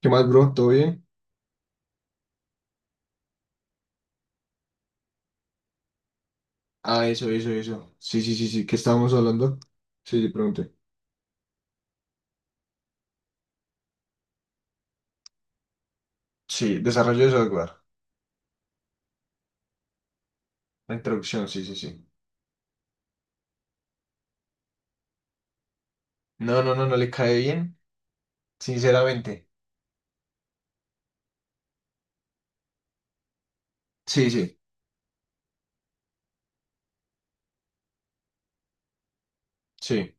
¿Qué más, bro? ¿Todo bien? Ah, eso, eso, eso. Sí, sí, sí, sí. ¿Qué estábamos hablando? Sí, le pregunté. Sí, desarrollo de software. La introducción, sí, sí, sí. No, no, no, no le cae bien, sinceramente. Sí, sí, sí.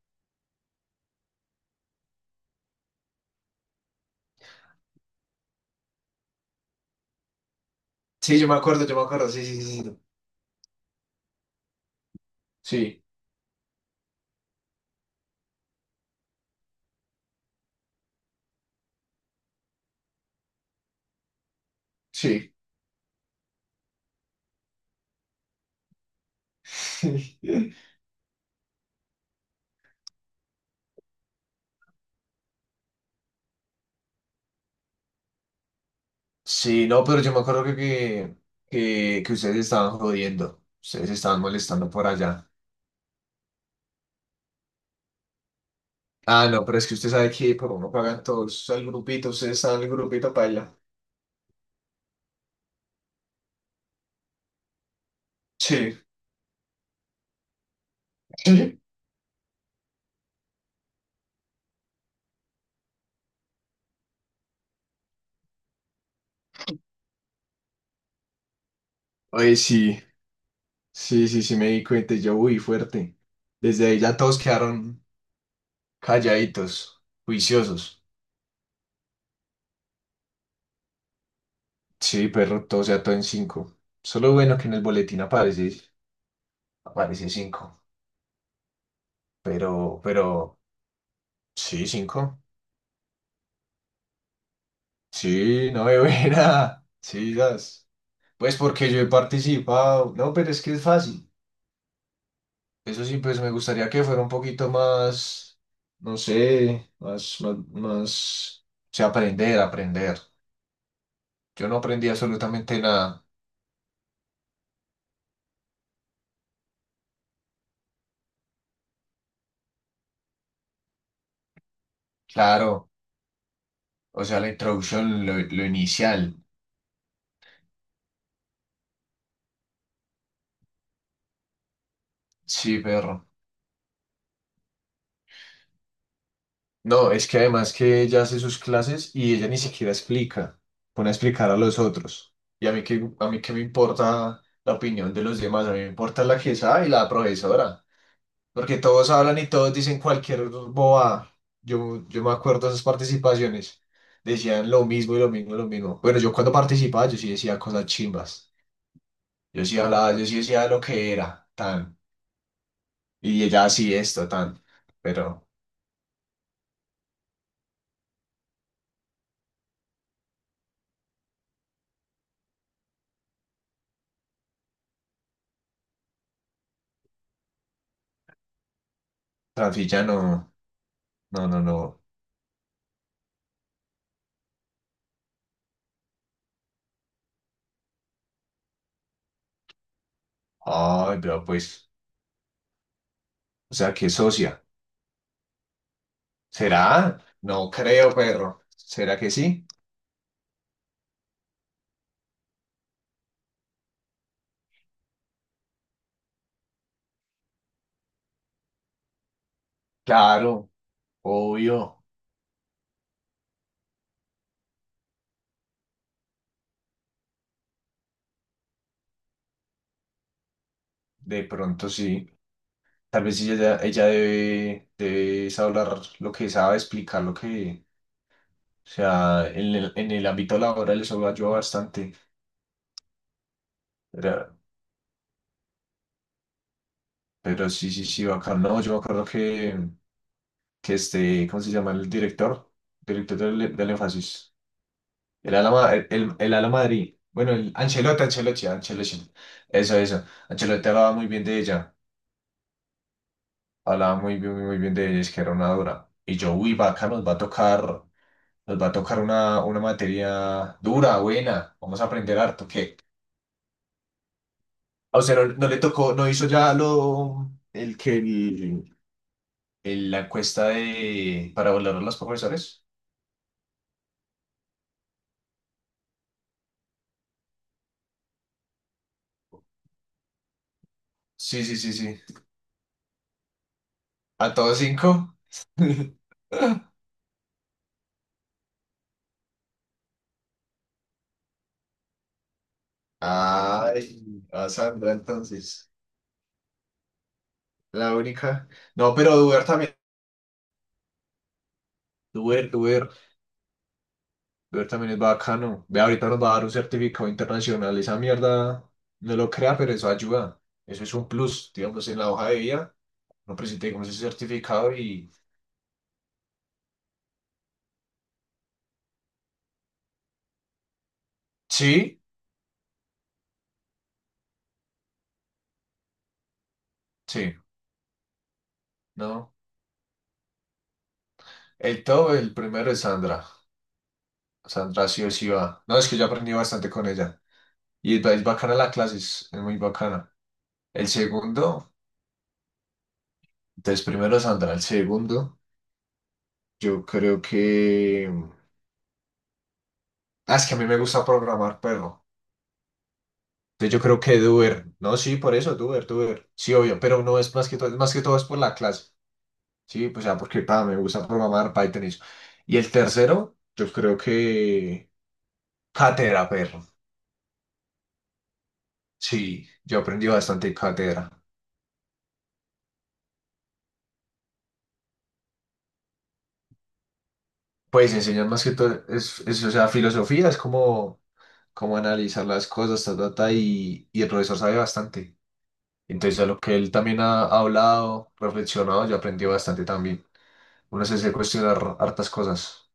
Sí, yo me acuerdo, yo me acuerdo. Sí, sí, sí, sí. Sí, sí. Sí, no, pero yo me acuerdo que ustedes estaban jodiendo. Ustedes estaban molestando por allá. Ah, no, pero es que usted sabe que por uno pagan todos el grupito. Ustedes están en el grupito paila. Sí. Oye, sí. Sí, sí, sí, me di cuenta y yo, uy, fuerte. Desde ahí ya todos quedaron calladitos, juiciosos. Sí, perro, todo o sea todo en cinco. Solo bueno que en el boletín aparece cinco. Pero, sí, cinco. Sí, no me buena. Sí, das. Pues porque yo he participado. No, pero es que es fácil. Eso sí, pues me gustaría que fuera un poquito más, no sé, más, más, más, o sea, aprender, aprender. Yo no aprendí absolutamente nada. Claro, o sea, la introducción, lo inicial. Sí, perro. No, es que además que ella hace sus clases y ella ni siquiera explica, pone a explicar a los otros. Y a mí qué me importa la opinión de los demás, a mí me importa la que sabe y la profesora, porque todos hablan y todos dicen cualquier boba. Yo me acuerdo de esas participaciones, decían lo mismo y lo mismo y lo mismo. Bueno, yo cuando participaba yo sí decía cosas chimbas, yo sí hablaba, yo sí decía lo que era, tan. Y ella así es total, pero Rafilla no, no, no, no. Ay, pero pues, o sea, ¿qué socia? ¿Será? No creo, perro. ¿Será que sí? Claro, obvio, de pronto sí. Tal vez sí, ella debe hablar lo que sabe, explicar lo que, o sea, en el ámbito laboral eso lo ayuda bastante. Pero, pero sí, sí, sí, bacán. No, yo me acuerdo que este, ¿cómo se llama el director? Director del énfasis. El Ala Madrid. Bueno, el Ancelotti, Ancelotti, Ancelotti. Eso, eso. Ancelotti hablaba muy bien de ella. Hablaba muy bien, muy, muy bien de ella. Es que era una dura. Y yo, uy, vaca, nos va a tocar, nos va a tocar una materia dura, buena. Vamos a aprender harto. ¿Qué? O sea no, no le tocó, no hizo ya lo, el que, el- la encuesta para valorar a los profesores. Sí, sí, sí, sí. ¿A todos cinco? Ay, a Sandra entonces. La única. No, pero Duer también. Duer, Duer. Duer también es bacano. Ve, ahorita nos va a dar un certificado internacional. Esa mierda no lo crea, pero eso ayuda. Eso es un plus. Digamos, en la hoja de vida nos presentamos ese certificado y. Sí, sí, no. El primero es Sandra. Sandra sí o sí va. No, es que yo aprendí bastante con ella. Y es bacana la clase, es muy bacana. El segundo, entonces primero Sandra. El segundo, yo creo que. Ah, es que a mí me gusta programar, perro. Entonces yo creo que Duber, no, sí, por eso, Duber, Duber, sí, obvio, pero no es más que todo es por la clase, sí, pues ya porque pa, me gusta programar Python y eso. Y el tercero, yo creo que cátedra, perro, sí, yo aprendí bastante en cátedra. Pues enseñan más que todo, es, o sea, filosofía, es como, analizar las cosas, ta, ta, ta, y el profesor sabe bastante. Entonces a lo que él también ha hablado, reflexionado, yo aprendí bastante también. Uno se hace cuestionar hartas cosas,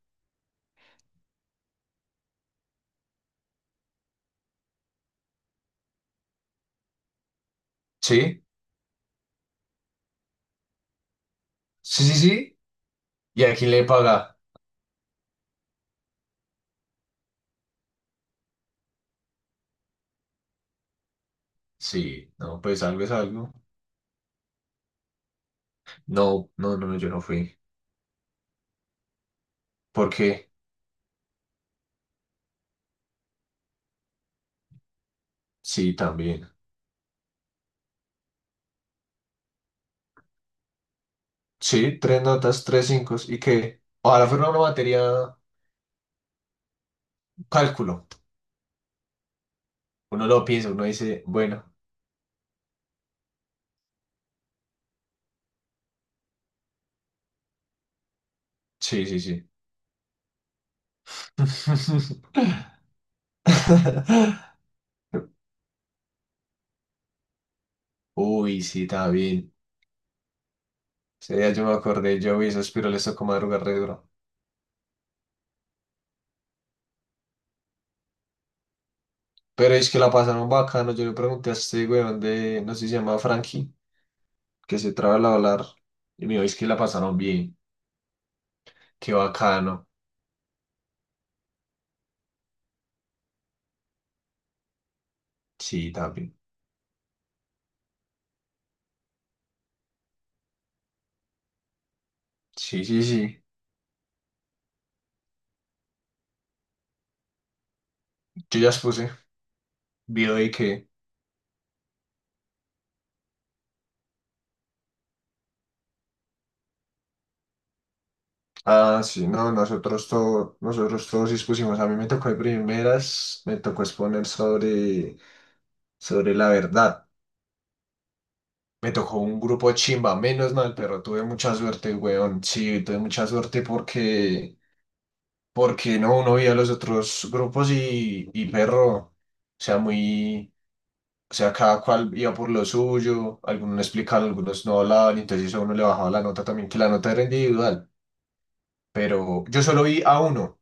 sí. Sí, sí, sí. ¿Y a quién le paga? Sí, no, pues algo es algo. No, no, no, no, yo no fui. ¿Por qué? Sí, también. Sí, tres notas, tres cinco. ¿Y qué? Ojalá fuera una materia cálculo. Uno lo piensa, uno dice, bueno, sí, sí, sí. Uy, sí, también. Ese día yo me acordé, yo vi esos piroles tocó madrugar re duro. Pero es que la pasaron bacano. Yo le pregunté a este weón de, no sé si se llama Frankie. Que se traba al hablar. Y me dijo, es que la pasaron bien. Qué bacano. Sí, también. Sí, sí, sí. Yo ya expuse. Vio de que. Ah, sí, no, nosotros todos expusimos. A mí me tocó de primeras, me tocó exponer sobre la verdad. Me tocó un grupo chimba, menos mal, pero tuve mucha suerte, weón. Sí, tuve mucha suerte porque no, uno veía los otros grupos y perro, o sea, muy. O sea, cada cual iba por lo suyo, algunos no explicaban, algunos no hablaban, y entonces eso a uno le bajaba la nota también, que la nota era individual. Pero yo solo vi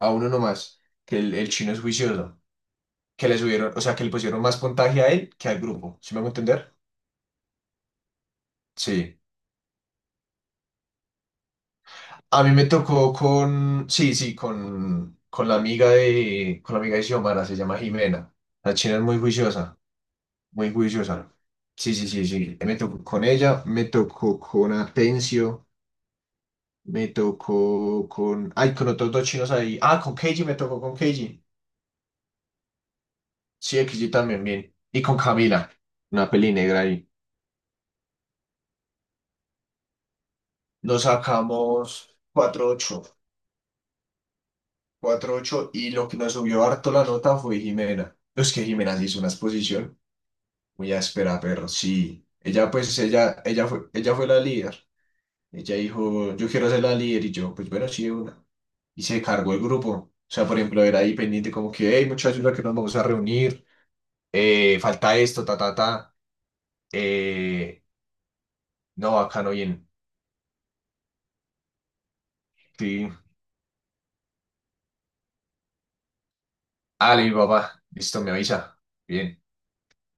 a uno nomás, que el chino es juicioso, que le subieron, o sea, que le pusieron más puntaje a él que al grupo. ¿Sí me hago entender? Sí. A mí me tocó con, sí, sí, con la amiga de, con la amiga de Xiomara, se llama Jimena. La china es muy juiciosa, muy juiciosa. Sí, sí, sí, sí. Me tocó con ella, me tocó con Atencio. Me tocó con. Ay, con otros dos chinos ahí. Ah, con Keiji me tocó con Keiji. Sí, Keiji también, bien. Y con Camila, una peli negra ahí. Nos sacamos 4,8, 4,8. Y lo que nos subió harto la nota fue Jimena. Es que Jimena se hizo una exposición. Muy áspera, perro. Sí. Ella, pues, ella fue la líder. Ella dijo, yo quiero ser la líder. Y yo, pues bueno, sí, de una. Y se cargó el grupo. O sea, por ejemplo, era ahí pendiente como que, hey, muchachos, ¿no? Que nos vamos a reunir, falta esto, ta, ta, ta. Eh, no, acá no bien. Sí. Ah, le digo, papá, listo, me avisa. Bien.